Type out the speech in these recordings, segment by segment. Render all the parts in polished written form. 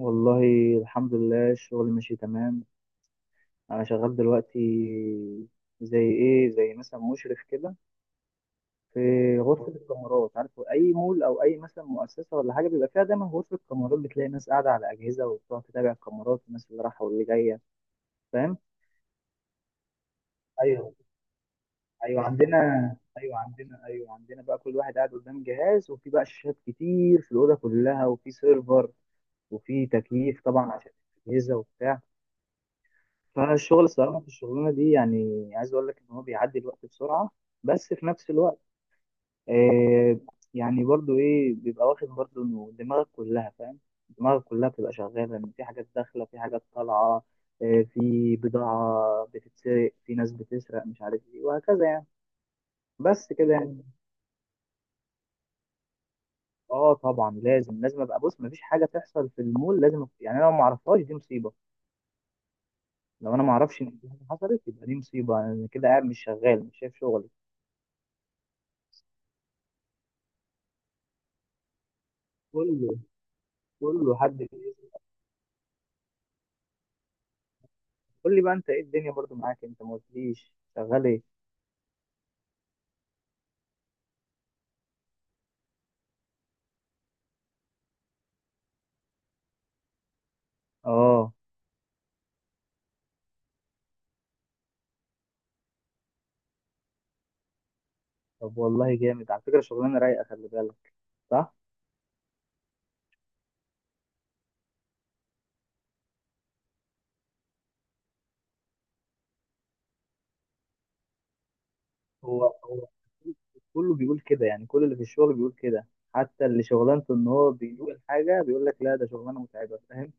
والله، الحمد لله. الشغل ماشي تمام. انا شغال دلوقتي. زي ايه؟ زي مثلا مشرف كده. في غرفه الكاميرات، عارف، اي مول او اي مثلا مؤسسه ولا حاجه بيبقى فيها دايما غرفه كاميرات، بتلاقي ناس قاعده على اجهزه وبتقعد تتابع الكاميرات، الناس اللي رايحه واللي جايه، فاهم. ايوه، ايوه عندنا ايوه عندنا بقى. كل واحد قاعد قدام جهاز، وفي بقى شاشات كتير في الاوضه كلها، وفي سيرفر وفي تكييف طبعا عشان الاجهزه وبتاع. فالشغل الصراحة في الشغلانة دي، يعني عايز أقول لك إن هو بيعدي الوقت بسرعة، بس في نفس الوقت، آه يعني برضو إيه، بيبقى واخد برضو إنه دماغك كلها، فاهم، دماغك كلها بتبقى شغالة، إن في حاجات داخلة في حاجات طالعة. في بضاعة بتتسرق، في ناس بتسرق، مش عارف إيه، وهكذا يعني. بس كده يعني. طبعا لازم أبقى بص، مفيش حاجة تحصل في المول. لازم يعني أنا لو معرفهاش دي مصيبة. لو أنا معرفش إن في حاجة حصلت يبقى دي مصيبة، أنا كده قاعد مش شغال مش شايف شغلي، كله حد بيسأل. قول لي بقى انت، ايه الدنيا برضو معاك؟ انت ما قلتليش شغال ايه. اه. طب والله جامد، على فكره شغلانه رايقه، خلي بالك. صح. هو كله بيقول كده، يعني كل اللي في الشغل بيقول كده. حتى اللي شغلانته ان هو بيدوق الحاجه بيقول لك لا ده شغلانه متعبه، فاهم.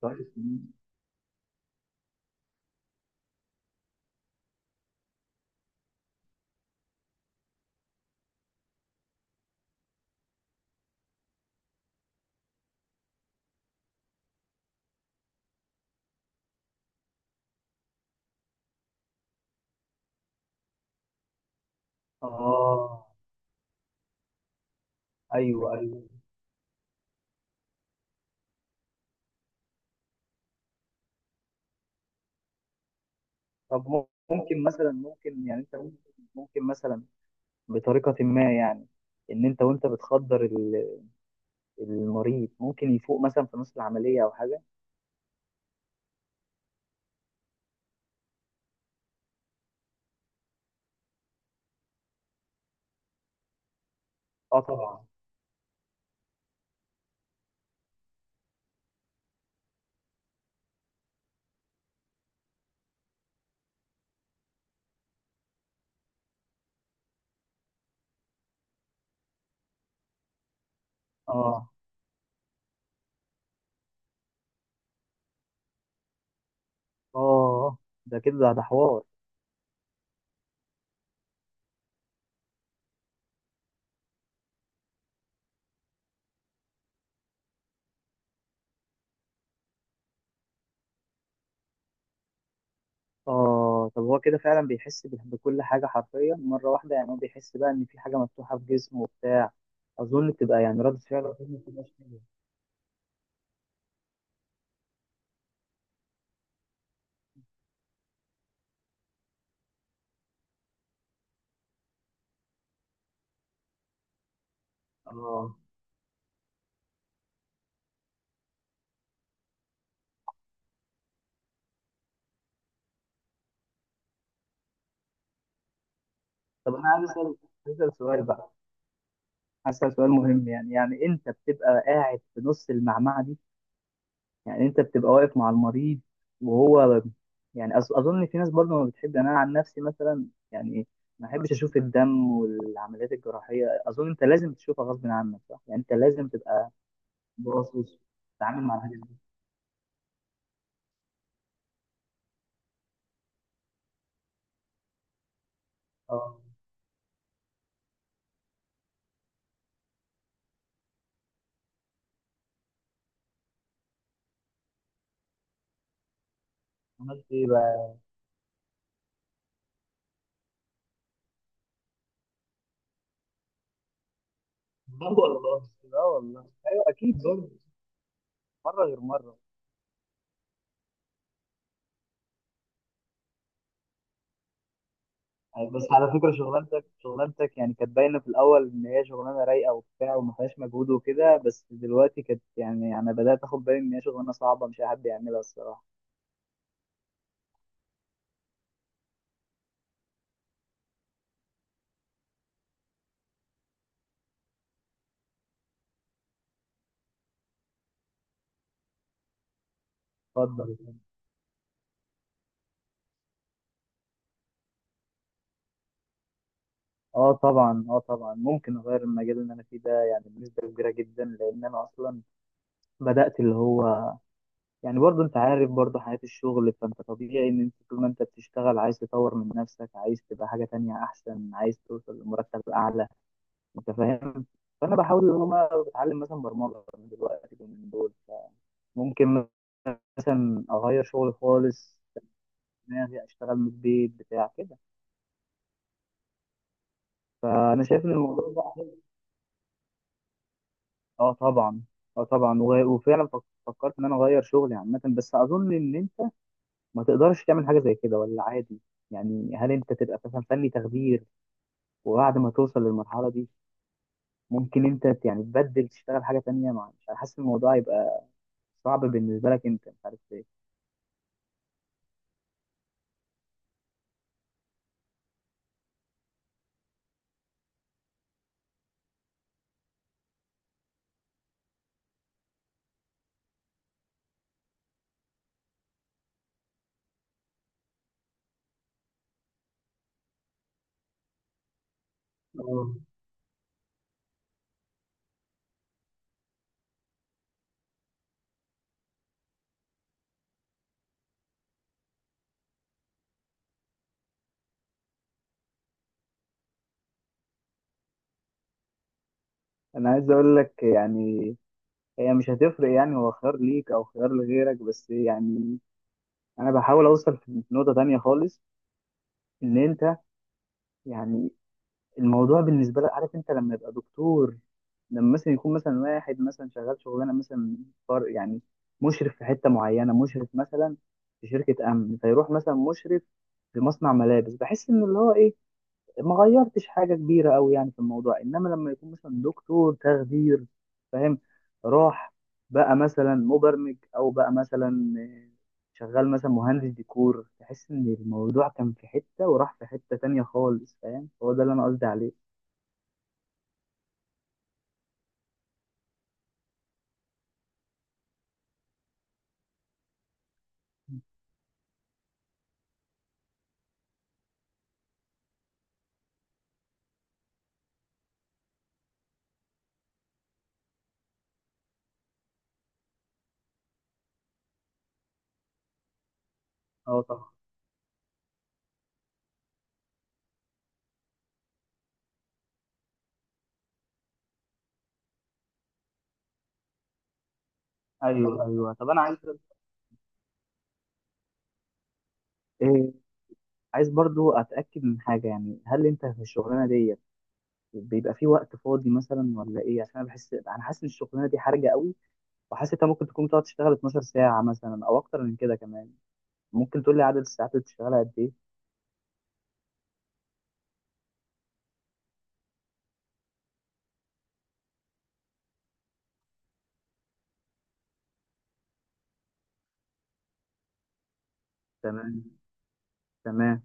طيب. اه. ايوه ايوه. طب، ممكن مثلا، ممكن مثلا بطريقه ما يعني، ان انت وانت بتخدر المريض ممكن يفوق مثلا في نص العمليه او حاجه. اه طبعا. اه. اه ده كده، ده حوار. اه طب هو كده فعلا بيحس بكل حاجة حرفيا مرة واحدة؟ يعني هو بيحس بقى ان في حاجة مفتوحة في جسمه وبتاع، اظن بتبقى يعني ردة فعله ما بتبقاش حلوة. اه. طب انا عايز اسال، عايز اسال سؤال بقى عايز اسال سؤال مهم، يعني انت بتبقى قاعد في نص المعمعة دي، يعني انت بتبقى واقف مع المريض وهو، يعني اظن في ناس برضه ما بتحب، يعني انا عن نفسي مثلا، يعني ما احبش اشوف الدم والعمليات الجراحيه. اظن انت لازم تشوفها غصب عنك، صح؟ يعني انت لازم تبقى باصص، تتعامل مع الحاجات دي. اه. عملت ايه بقى؟ اه والله. اه والله. ايوه اكيد برضه، مره غير مره. يعني بس على فكرة، شغلانتك يعني كانت باينة في الأول إن هي شغلانة رايقة وبتاع وما فيهاش مجهود وكده، بس دلوقتي كانت، يعني أنا بدأت آخد بالي إن هي شغلانة صعبة، مش أي حد يعملها الصراحة. اتفضل. اه طبعا، ممكن اغير المجال اللي انا فيه ده يعني بنسبه كبيره جدا، لان انا اصلا بدات اللي هو، يعني برضو انت عارف برضو حياه الشغل، فانت طبيعي ان انت طول ما انت بتشتغل عايز تطور من نفسك، عايز تبقى حاجه تانية احسن، عايز توصل لمرتب اعلى، انت فاهم. فانا بحاول ان انا بتعلم مثلا برمجه دلوقتي من دول، ممكن مثلا اغير شغلي خالص، دماغي اشتغل من البيت بتاع كده. فانا شايف ان الموضوع اه طبعا، وفعلا فكرت ان انا اغير شغلي عامه، بس اظن ان انت ما تقدرش تعمل حاجه زي كده ولا عادي؟ يعني هل انت تبقى مثلا فني تخدير، وبعد ما توصل للمرحله دي ممكن انت، يعني تبدل تشتغل حاجه تانية، مع مش عارف، حاسس إن الموضوع يبقى صعب بالنسبه لك، انت مش عارف ليه. انا عايز اقول لك يعني، هي مش هتفرق يعني هو خيار ليك او خيار لغيرك، بس يعني انا بحاول اوصل في نقطة تانية خالص، ان انت يعني الموضوع بالنسبة لك، عارف انت لما يبقى دكتور، لما مثلا يكون مثلا واحد مثلا شغال شغلانة مثلا فار، يعني مشرف في حتة معينة، مشرف مثلا في شركة امن، فيروح مثلا مشرف في مصنع ملابس، بحس ان اللي هو ايه، ما غيرتش حاجه كبيره قوي يعني في الموضوع. انما لما يكون مثلا دكتور تخدير، فاهم، راح بقى مثلا مبرمج، او بقى مثلا شغال مثلا مهندس ديكور، تحس ان الموضوع كان في حته وراح في حته تانية خالص، فاهم. هو ده اللي انا قصدي عليه. اه طبعا. ايوه ايوه. طب انا عايز، إيه، عايز برضو اتاكد من حاجه. يعني هل انت في الشغلانه ديت بيبقى في وقت فاضي مثلا ولا ايه؟ عشان انا حاسس ان الشغلانه دي حرجه قوي، وحاسس انت ممكن تكون بتقعد تشتغل 12 ساعة مثلا او اكتر من كده كمان. ممكن تقول لي عدد الساعات اللي بتشتغلها قد ايه؟ تمام. تمام.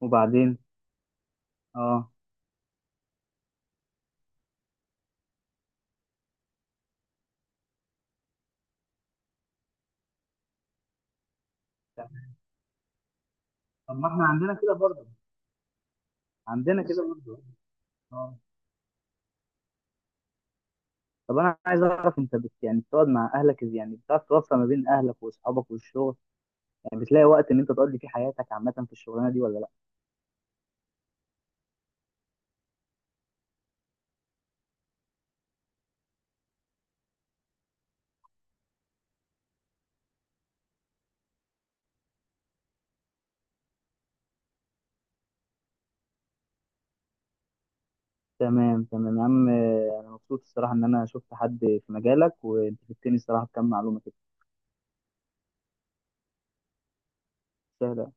وبعدين. اه. تمام. طب ما احنا عندنا كده برضه. عندنا كده برضه اه. طب انا عايز اعرف، انت يعني بتقعد مع اهلك، يعني بتعرف توفق ما بين اهلك واصحابك والشغل؟ يعني بتلاقي وقت ان انت تقضي فيه حياتك عامة في الشغلانة دي ولا لا؟ تمام تمام يا عم. انا مبسوط الصراحة ان انا شفت حد في مجالك، وانت فدتني الصراحة بكم معلومة كده سهلة.